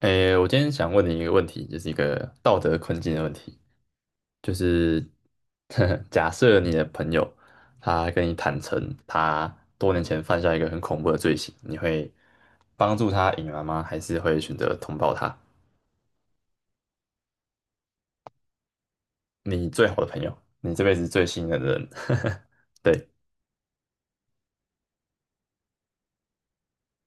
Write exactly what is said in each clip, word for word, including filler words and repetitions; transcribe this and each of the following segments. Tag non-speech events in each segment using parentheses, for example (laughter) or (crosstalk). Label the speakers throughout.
Speaker 1: 诶，我今天想问你一个问题，就是一个道德困境的问题，就是 (laughs) 假设你的朋友他跟你坦诚他多年前犯下一个很恐怖的罪行，你会帮助他隐瞒吗？还是会选择通报他？你最好的朋友，你这辈子最信任的人，(laughs) 对。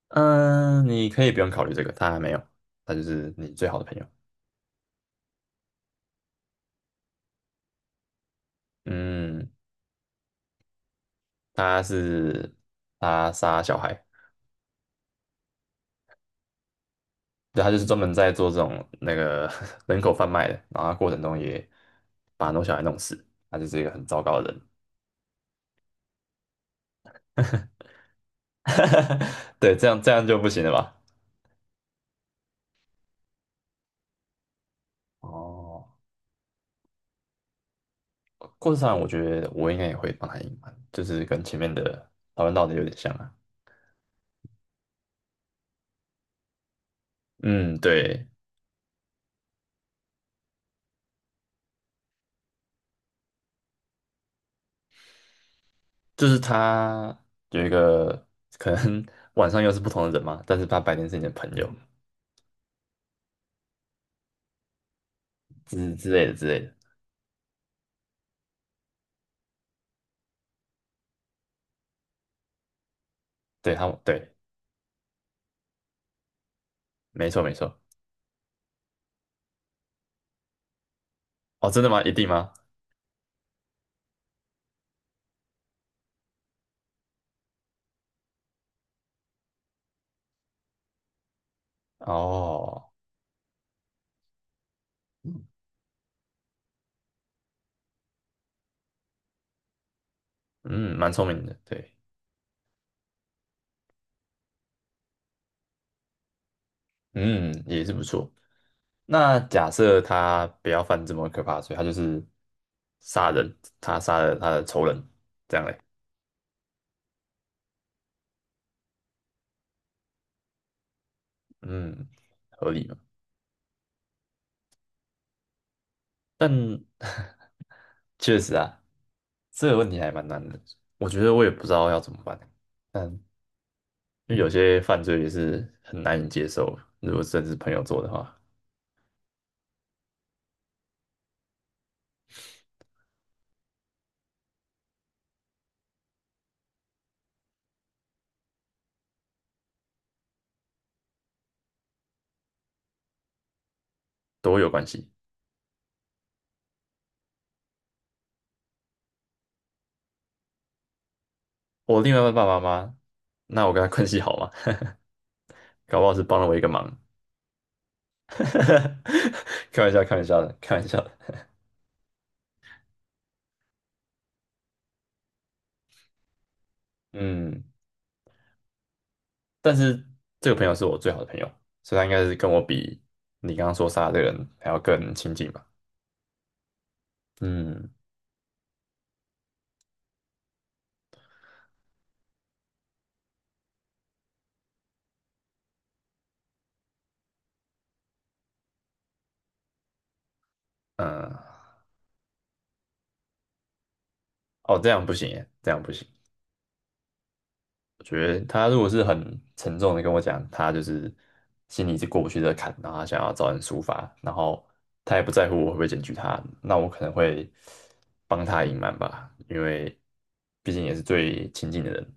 Speaker 1: 嗯，你可以不用考虑这个，他还没有，他就是你最好的朋友。嗯，他是他杀小孩。对，他就是专门在做这种那个 (laughs) 人口贩卖的，然后他过程中也把很多小孩弄死，他就是一个很糟糕的人。(laughs) 对，这样这样就不行了吧？哦，故事上我觉得我应该也会帮他隐瞒，就是跟前面的讨论到的有点像啊。嗯，对，就是他有一个可能 (laughs) 晚上又是不同的人嘛，但是他白天是你的朋友之之类的之类的。对他，对，没错没错。哦，真的吗？一定吗？哦。嗯，蛮聪明的，对。嗯，也是不错。那假设他不要犯这么可怕的罪，他就是杀人，他杀了他的仇人，这样嘞。嗯，合理嘛？但 (laughs) 确实啊，这个问题还蛮难的，我觉得我也不知道要怎么办。但因为有些犯罪也是很难以接受，如果甚至朋友做的话，都有关系。我另外一半爸爸妈妈，那我跟他关系好吗？(laughs) 搞不好是帮了我一个忙。(laughs) 开玩笑，开玩笑的，开玩笑的。嗯，但是这个朋友是我最好的朋友，所以他应该是跟我比你刚刚说杀的这个人还要更亲近吧。嗯嗯，呃哦，这样不行耶，这样不行。我觉得他如果是很沉重的跟我讲，他就是心里是过不去这个坎，然后他想要找人抒发，然后他也不在乎我会不会检举他，那我可能会帮他隐瞒吧，因为毕竟也是最亲近的人。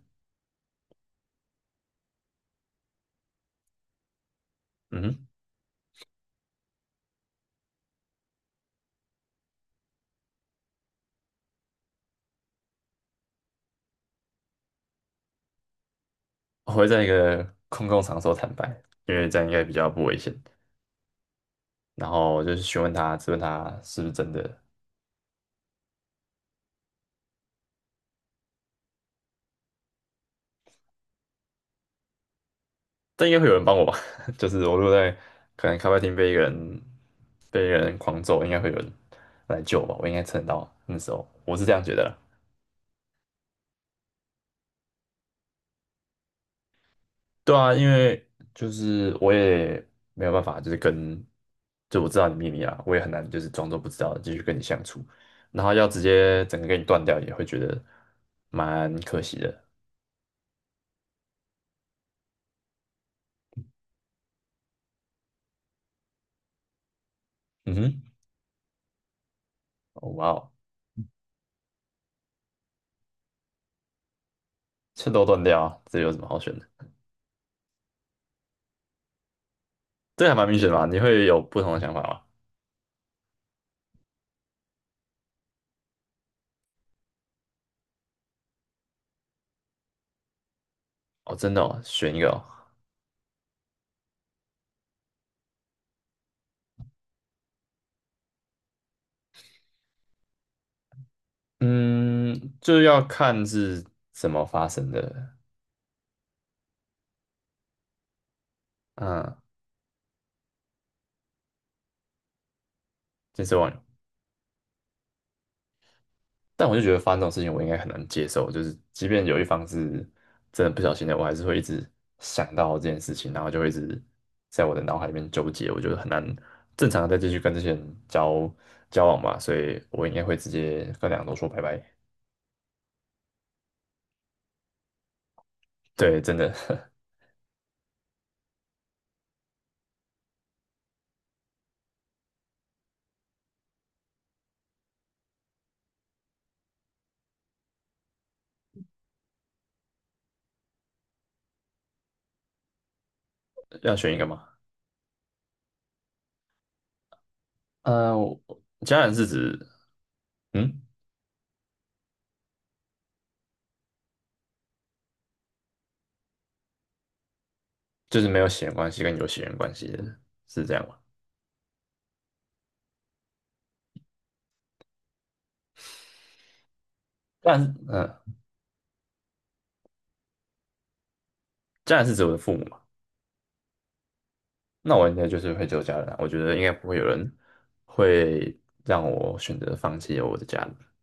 Speaker 1: 嗯哼，我会在一个空共场所坦白，因为这样应该比较不危险。然后我就是询问他，质问他是不是真的，但应该会有人帮我吧？(laughs) 就是我如果在可能咖啡厅被一个人被一个人狂揍，应该会有人来救我吧？我应该撑得到啊那时候，我是这样觉得啦。对啊，因为就是我也没有办法，就是跟就我知道你秘密啊，我也很难就是装作不知道继续跟你相处，然后要直接整个跟你断掉，也会觉得蛮可惜的。嗯哼，哦哇哦。趁都断掉啊这有什么好选的？这个还蛮明显的嘛，你会有不同的想法吗？哦，真的哦，选一个哦。嗯，就要看是怎么发生的。嗯，健身忘友。但我就觉得发生这种事情，我应该很难接受，就是即便有一方是真的不小心的，我还是会一直想到这件事情，然后就会一直在我的脑海里面纠结，我觉得很难正常的再继续跟这些人交交往吧，所以我应该会直接跟两个都说拜拜。对，真的 (laughs) 要选一个吗？呃，我家人是指。嗯，就是没有血缘关系跟有血缘关系的，是这样吗？家人是，嗯、家人是指我的父母嘛？那我应该就是会只有家人啊，我觉得应该不会有人会让我选择放弃我的家人。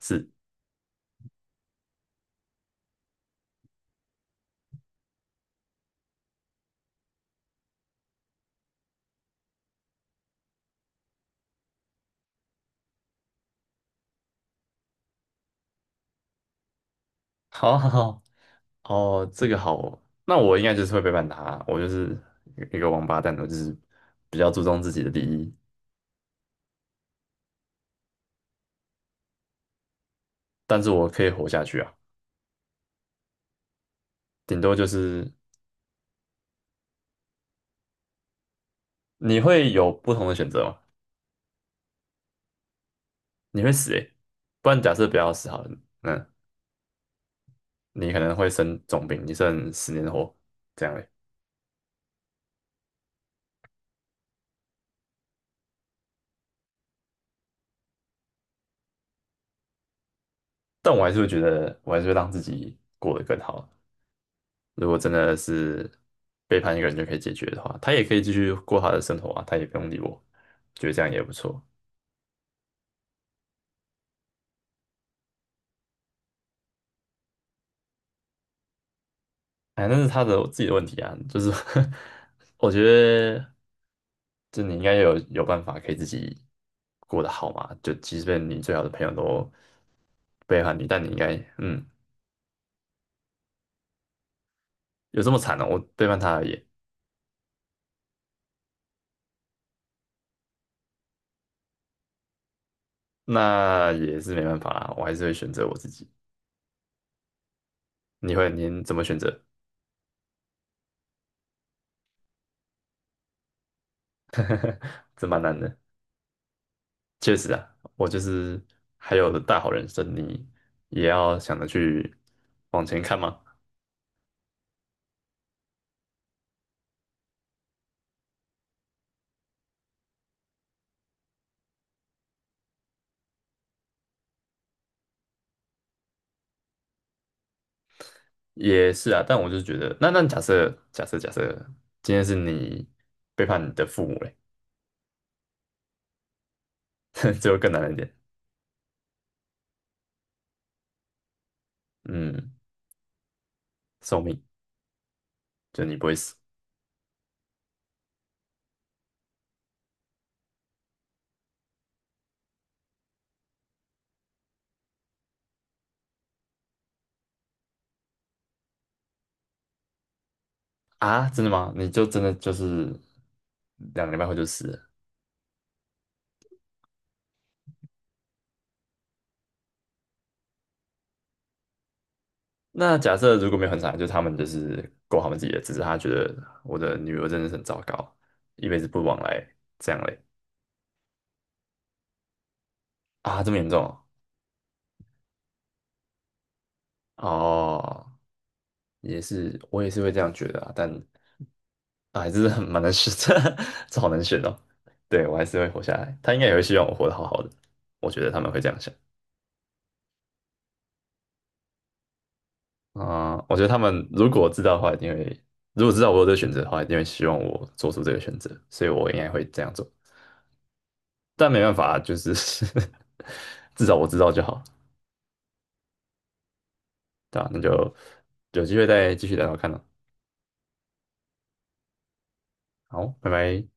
Speaker 1: 是，(laughs) 好好好 (laughs)，哦，这个好哦，那我应该就是会背叛他啊，我就是一个王八蛋，我就是比较注重自己的利益，但是我可以活下去啊，顶多就是你会有不同的选择吗？你会死诶、不然假设不要死好了，那你可能会生重病，你剩十年活这样诶、但我还是会觉得，我还是会让自己过得更好。如果真的是背叛一个人就可以解决的话，他也可以继续过他的生活啊，他也不用理我，觉得这样也不错。哎，那是他的自己的问题啊，就是 (laughs) 我觉得，就你应该有有办法可以自己过得好嘛，就即便你最好的朋友都背叛你，但你应该嗯。有这么惨呢？我背叛他而已，那也是没办法啦，我还是会选择我自己。你会，您怎么选择？(laughs) 这蛮难的。确实啊，我就是还有大好人生，你也要想着去往前看吗？也是啊，但我就觉得，那那假设假设假设今天是你背叛你的父母嘞，(laughs) 这就更难一点。嗯，寿命，就你不会死啊？真的吗？你就真的就是两个礼拜后就死了。那假设如果没有很惨，就他们就是过他们自己的，只是他觉得我的女儿真的是很糟糕，一辈子不往来，这样嘞啊，这么严重哦。哦，也是我也是会这样觉得啊，但啊还是很蛮难选的，(laughs) 这好难选哦。对，我还是会活下来，他应该也会希望我活得好好的，我觉得他们会这样想啊。我觉得他们如果知道的话，一定会，如果知道我有这个选择的话，一定会希望我做出这个选择，所以我应该会这样做。但没办法，就是 (laughs) 至少我知道就好，对吧？那就有机会再继续聊聊看了。好，拜拜。